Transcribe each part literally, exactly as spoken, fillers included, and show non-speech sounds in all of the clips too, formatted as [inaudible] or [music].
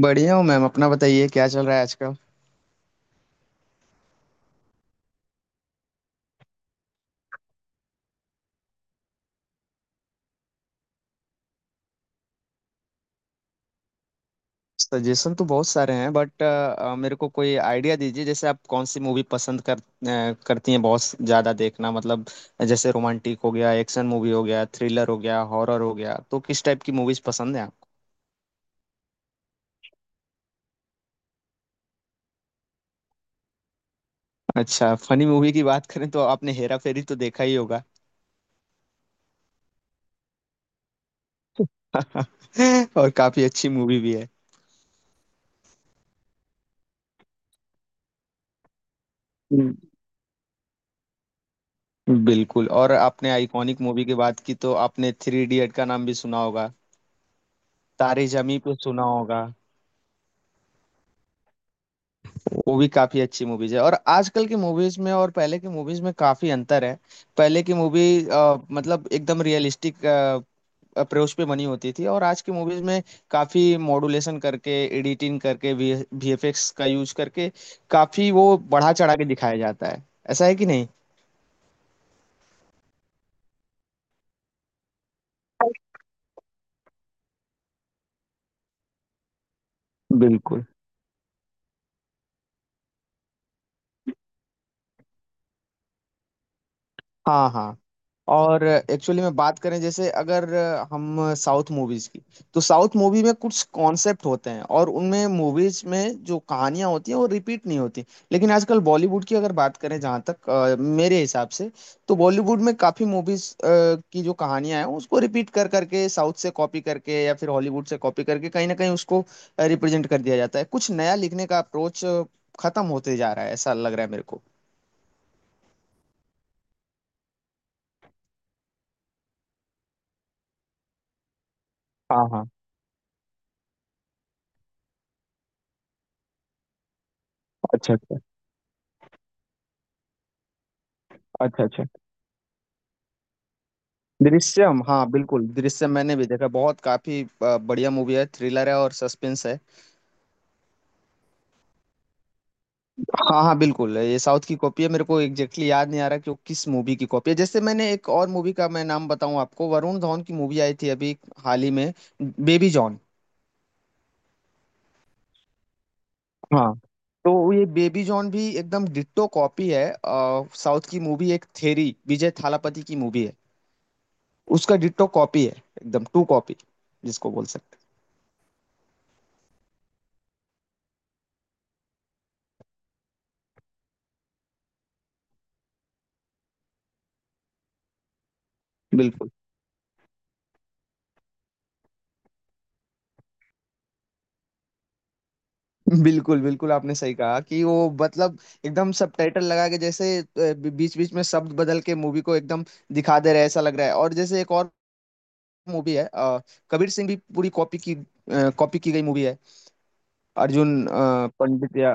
बढ़िया हूँ मैम। अपना बताइए क्या चल रहा है आजकल। सजेशन तो बहुत सारे हैं बट मेरे को कोई आइडिया दीजिए। जैसे आप कौन सी मूवी पसंद कर अ, करती हैं, बहुत ज़्यादा देखना मतलब। जैसे रोमांटिक हो गया, एक्शन मूवी हो गया, थ्रिलर हो गया, हॉरर हो गया, तो किस टाइप की मूवीज़ पसंद है आपको। अच्छा, फनी मूवी की बात करें तो आपने हेरा फेरी तो देखा ही होगा। [laughs] और काफ़ी अच्छी मूवी भी है। हम्म। बिल्कुल। और आपने आइकॉनिक मूवी की बात की तो आपने थ्री इडियट का नाम भी सुना होगा। तारे जमी पे सुना होगा। वो भी काफी अच्छी मूवीज है। और आजकल की मूवीज में और पहले की मूवीज में काफी अंतर है। पहले की मूवी मतलब एकदम रियलिस्टिक अप्रोच पे बनी होती थी, और आज की मूवीज में काफी मॉड्यूलेशन करके, एडिटिंग करके, वी वीएफएक्स का यूज करके काफी वो बढ़ा चढ़ा के दिखाया जाता है। ऐसा है कि नहीं। बिल्कुल। हाँ हाँ। और एक्चुअली में बात करें, जैसे अगर हम साउथ मूवीज की, तो साउथ मूवी में कुछ कॉन्सेप्ट होते हैं और उनमें मूवीज में जो कहानियां होती हैं वो रिपीट नहीं होती। लेकिन आजकल बॉलीवुड की अगर बात करें, जहां तक अ, मेरे हिसाब से, तो बॉलीवुड में काफी मूवीज की जो कहानियां हैं उसको रिपीट कर करके, साउथ से कॉपी करके या फिर हॉलीवुड से कॉपी करके, कहीं ना कहीं उसको रिप्रेजेंट कर दिया जाता है। कुछ नया लिखने का अप्रोच खत्म होते जा रहा है, ऐसा लग रहा है मेरे को। हाँ हाँ। अच्छा अच्छा। अच्छा अच्छा। दृश्यम, हाँ बिल्कुल दृश्यम। मैंने भी देखा, बहुत काफी अ, बढ़िया मूवी है, थ्रिलर है और सस्पेंस है। हाँ हाँ बिल्कुल, ये साउथ की कॉपी है। मेरे को एग्जैक्टली याद नहीं आ रहा कि वो किस मूवी की कॉपी है। जैसे मैंने एक और मूवी का मैं नाम बताऊं आपको, वरुण धवन की मूवी आई थी अभी हाल ही में, बेबी जॉन। हाँ। तो ये बेबी जॉन भी एकदम डिट्टो कॉपी है। अ, साउथ की मूवी एक थेरी, विजय थालापति की मूवी है, उसका डिट्टो कॉपी है, एकदम टू कॉपी जिसको बोल सकते हैं। बिल्कुल बिल्कुल। बिल्कुल आपने सही कहा कि वो मतलब एकदम सबटाइटल लगा के, जैसे बीच बीच में शब्द बदल के मूवी को एकदम दिखा दे रहे हैं ऐसा लग रहा है। और जैसे एक और मूवी है अ, कबीर सिंह भी पूरी कॉपी की, कॉपी की गई मूवी है। अर्जुन अ, पंडित या,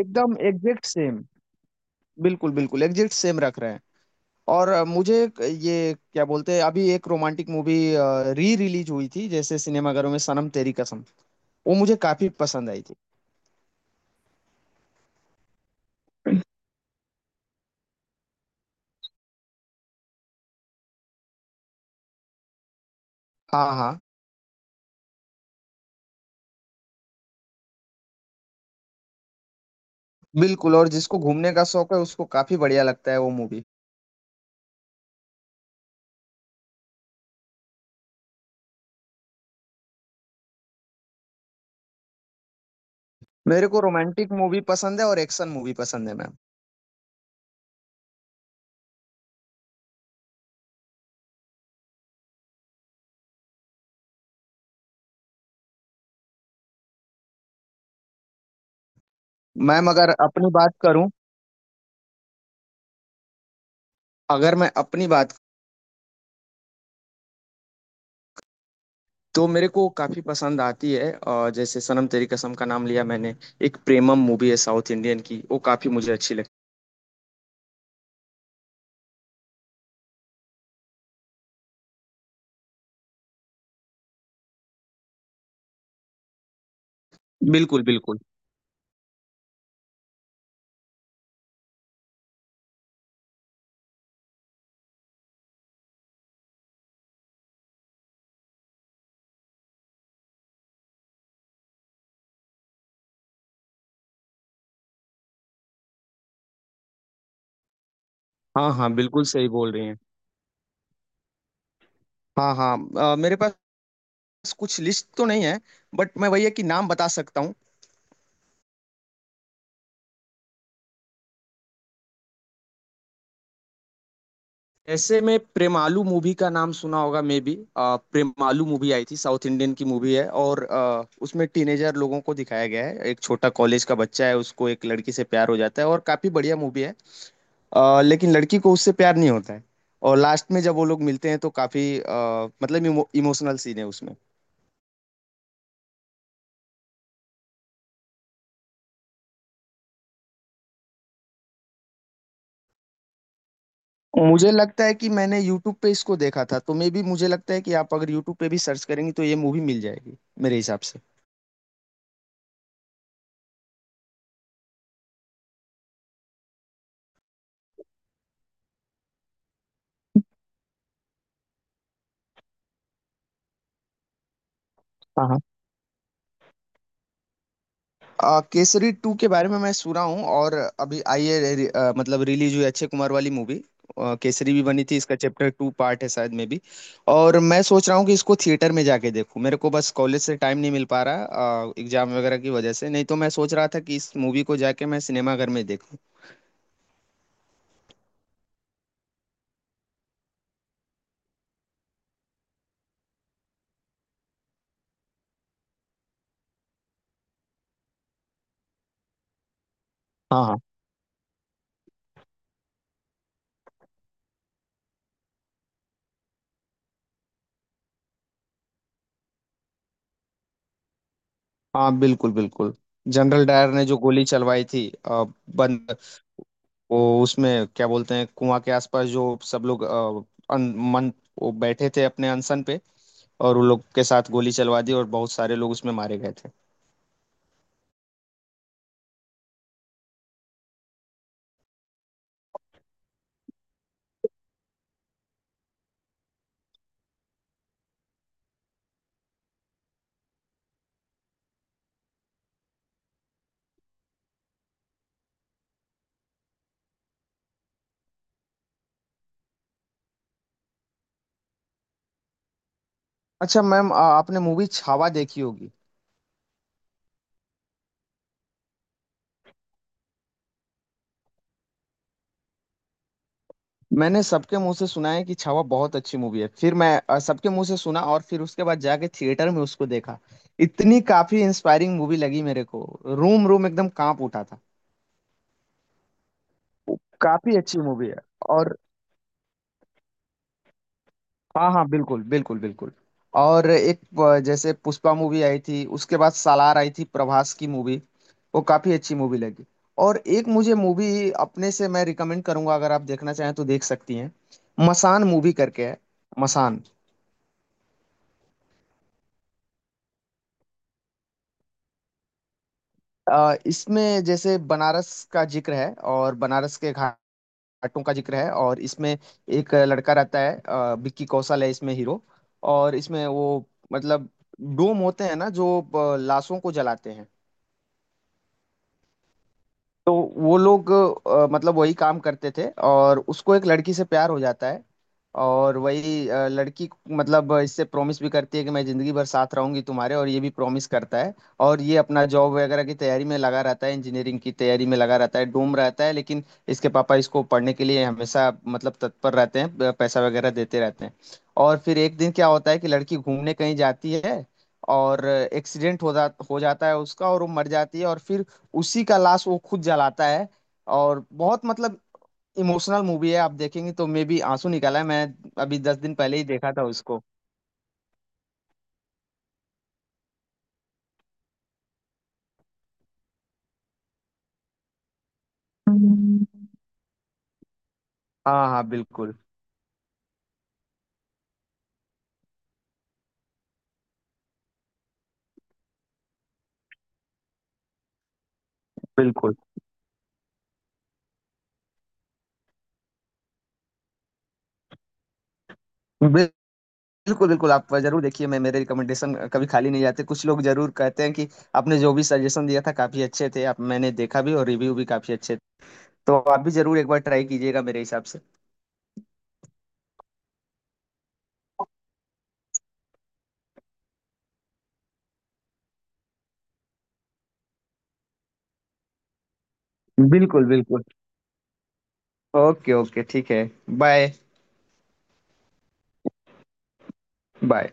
एकदम एग्जैक्ट सेम। बिल्कुल बिल्कुल एग्जैक्ट सेम रख रहे हैं। और अ, मुझे एक, ये क्या बोलते हैं, अभी एक रोमांटिक मूवी री रिलीज हुई थी जैसे सिनेमाघरों में, सनम तेरी कसम। वो मुझे काफी पसंद आई थी। हाँ हाँ। बिल्कुल। और जिसको घूमने का शौक है उसको काफी बढ़िया लगता है वो मूवी। मेरे को रोमांटिक मूवी पसंद है और एक्शन मूवी पसंद है मैम। मैम अगर अपनी बात करूं, अगर मैं अपनी बात, तो मेरे को काफी पसंद आती है। और जैसे सनम तेरी कसम का नाम लिया मैंने, एक प्रेमम मूवी है साउथ इंडियन की, वो काफी मुझे अच्छी लगती। बिल्कुल बिल्कुल। हाँ हाँ बिल्कुल सही बोल रही हैं। हाँ हाँ अ, मेरे पास कुछ लिस्ट तो नहीं है बट मैं भैया कि नाम बता सकता हूँ। ऐसे में प्रेमालू मूवी का नाम सुना होगा मे बी। प्रेमालू मूवी आई थी, साउथ इंडियन की मूवी है, और अ, उसमें टीनेजर लोगों को दिखाया गया है। एक छोटा कॉलेज का बच्चा है, उसको एक लड़की से प्यार हो जाता है, और काफी बढ़िया मूवी है। अ, लेकिन लड़की को उससे प्यार नहीं होता है, और लास्ट में जब वो लोग मिलते हैं तो काफी अ, मतलब इमो, इमोशनल सीन है उसमें। मुझे लगता है कि मैंने यूट्यूब पे इसको देखा था, तो मे बी मुझे लगता है कि आप अगर यूट्यूब पे भी सर्च करेंगी तो ये मूवी मिल जाएगी मेरे हिसाब से। आ, केसरी टू के बारे में मैं सुना हूँ, और अभी आई है रे- रे- आ, मतलब रिलीज हुई, अक्षय कुमार वाली मूवी। केसरी भी बनी थी, इसका चैप्टर टू पार्ट है शायद में भी। और मैं सोच रहा हूँ कि इसको थिएटर में जाके देखूँ। मेरे को बस कॉलेज से टाइम नहीं मिल पा रहा, एग्जाम वगैरह की वजह से। नहीं तो मैं सोच रहा था कि इस मूवी को जाके मैं सिनेमाघर में देखूँ। हाँ हाँ। हाँ बिल्कुल बिल्कुल। जनरल डायर ने जो गोली चलवाई थी, आ, बंद, वो उसमें क्या बोलते हैं, कुआं के आसपास जो सब लोग अ, अन, मन, वो बैठे थे अपने अनशन पे, और उन लोग के साथ गोली चलवा दी और बहुत सारे लोग उसमें मारे गए थे। अच्छा मैम, आ- आपने मूवी छावा देखी होगी। मैंने सबके मुंह से सुना है कि छावा बहुत अच्छी मूवी है। फिर मैं आ, सबके मुंह से सुना, और फिर उसके बाद जाके थिएटर में उसको देखा। इतनी काफी इंस्पायरिंग मूवी लगी मेरे को, रूम रूम एकदम कांप उठा था। काफी अच्छी मूवी है। और हाँ हाँ बिल्कुल बिल्कुल बिल्कुल। और एक, अ, जैसे पुष्पा मूवी आई थी, उसके बाद सालार आई थी प्रभास की मूवी, वो काफी अच्छी मूवी लगी। और एक मुझे मूवी अपने से मैं रिकमेंड करूंगा, अगर आप देखना चाहें तो देख सकती हैं। मसान मूवी करके है, मसान। अ, इसमें जैसे बनारस का जिक्र है और बनारस के घाटों का जिक्र है। और इसमें एक लड़का रहता है, अ, विक्की कौशल है इसमें हीरो। और इसमें वो मतलब डोम होते हैं ना जो अ, लाशों को जलाते हैं। तो वो लोग अ, मतलब वही काम करते थे, और उसको एक लड़की से प्यार हो जाता है। और वही अ, लड़की मतलब इससे प्रॉमिस भी करती है कि मैं जिंदगी भर साथ रहूंगी तुम्हारे, और ये भी प्रॉमिस करता है। और ये अपना जॉब वगैरह की तैयारी में लगा रहता है, इंजीनियरिंग की तैयारी में लगा रहता है, डूम रहता है। लेकिन इसके पापा इसको पढ़ने के लिए हमेशा मतलब तत्पर रहते हैं, प- पैसा वगैरह देते रहते हैं। और फिर एक दिन क्या होता है कि लड़की घूमने कहीं जाती है, और एक्सीडेंट हो जा हो जाता है उसका, और वो मर जाती है। और फिर उसी का लाश वो खुद जलाता है। और बहुत मतलब इमोशनल मूवी है, आप देखेंगे तो मे भी, आंसू निकाला है मैं। अभी दस दिन पहले ही देखा था उसको। हाँ हाँ बिल्कुल बिल्कुल। बिल- बिल्कुल बिल्कुल, आप जरूर देखिए। मैं, मेरे रिकमेंडेशन कभी खाली नहीं जाते। कुछ लोग जरूर कहते हैं कि आपने जो भी सजेशन दिया था काफी अच्छे थे, आप मैंने देखा भी और रिव्यू भी काफी अच्छे थे। तो आप भी जरूर एक बार ट्राई कीजिएगा मेरे हिसाब से। बिल्कुल बिल्कुल। ओके ओके ठीक है। बाय। बाय।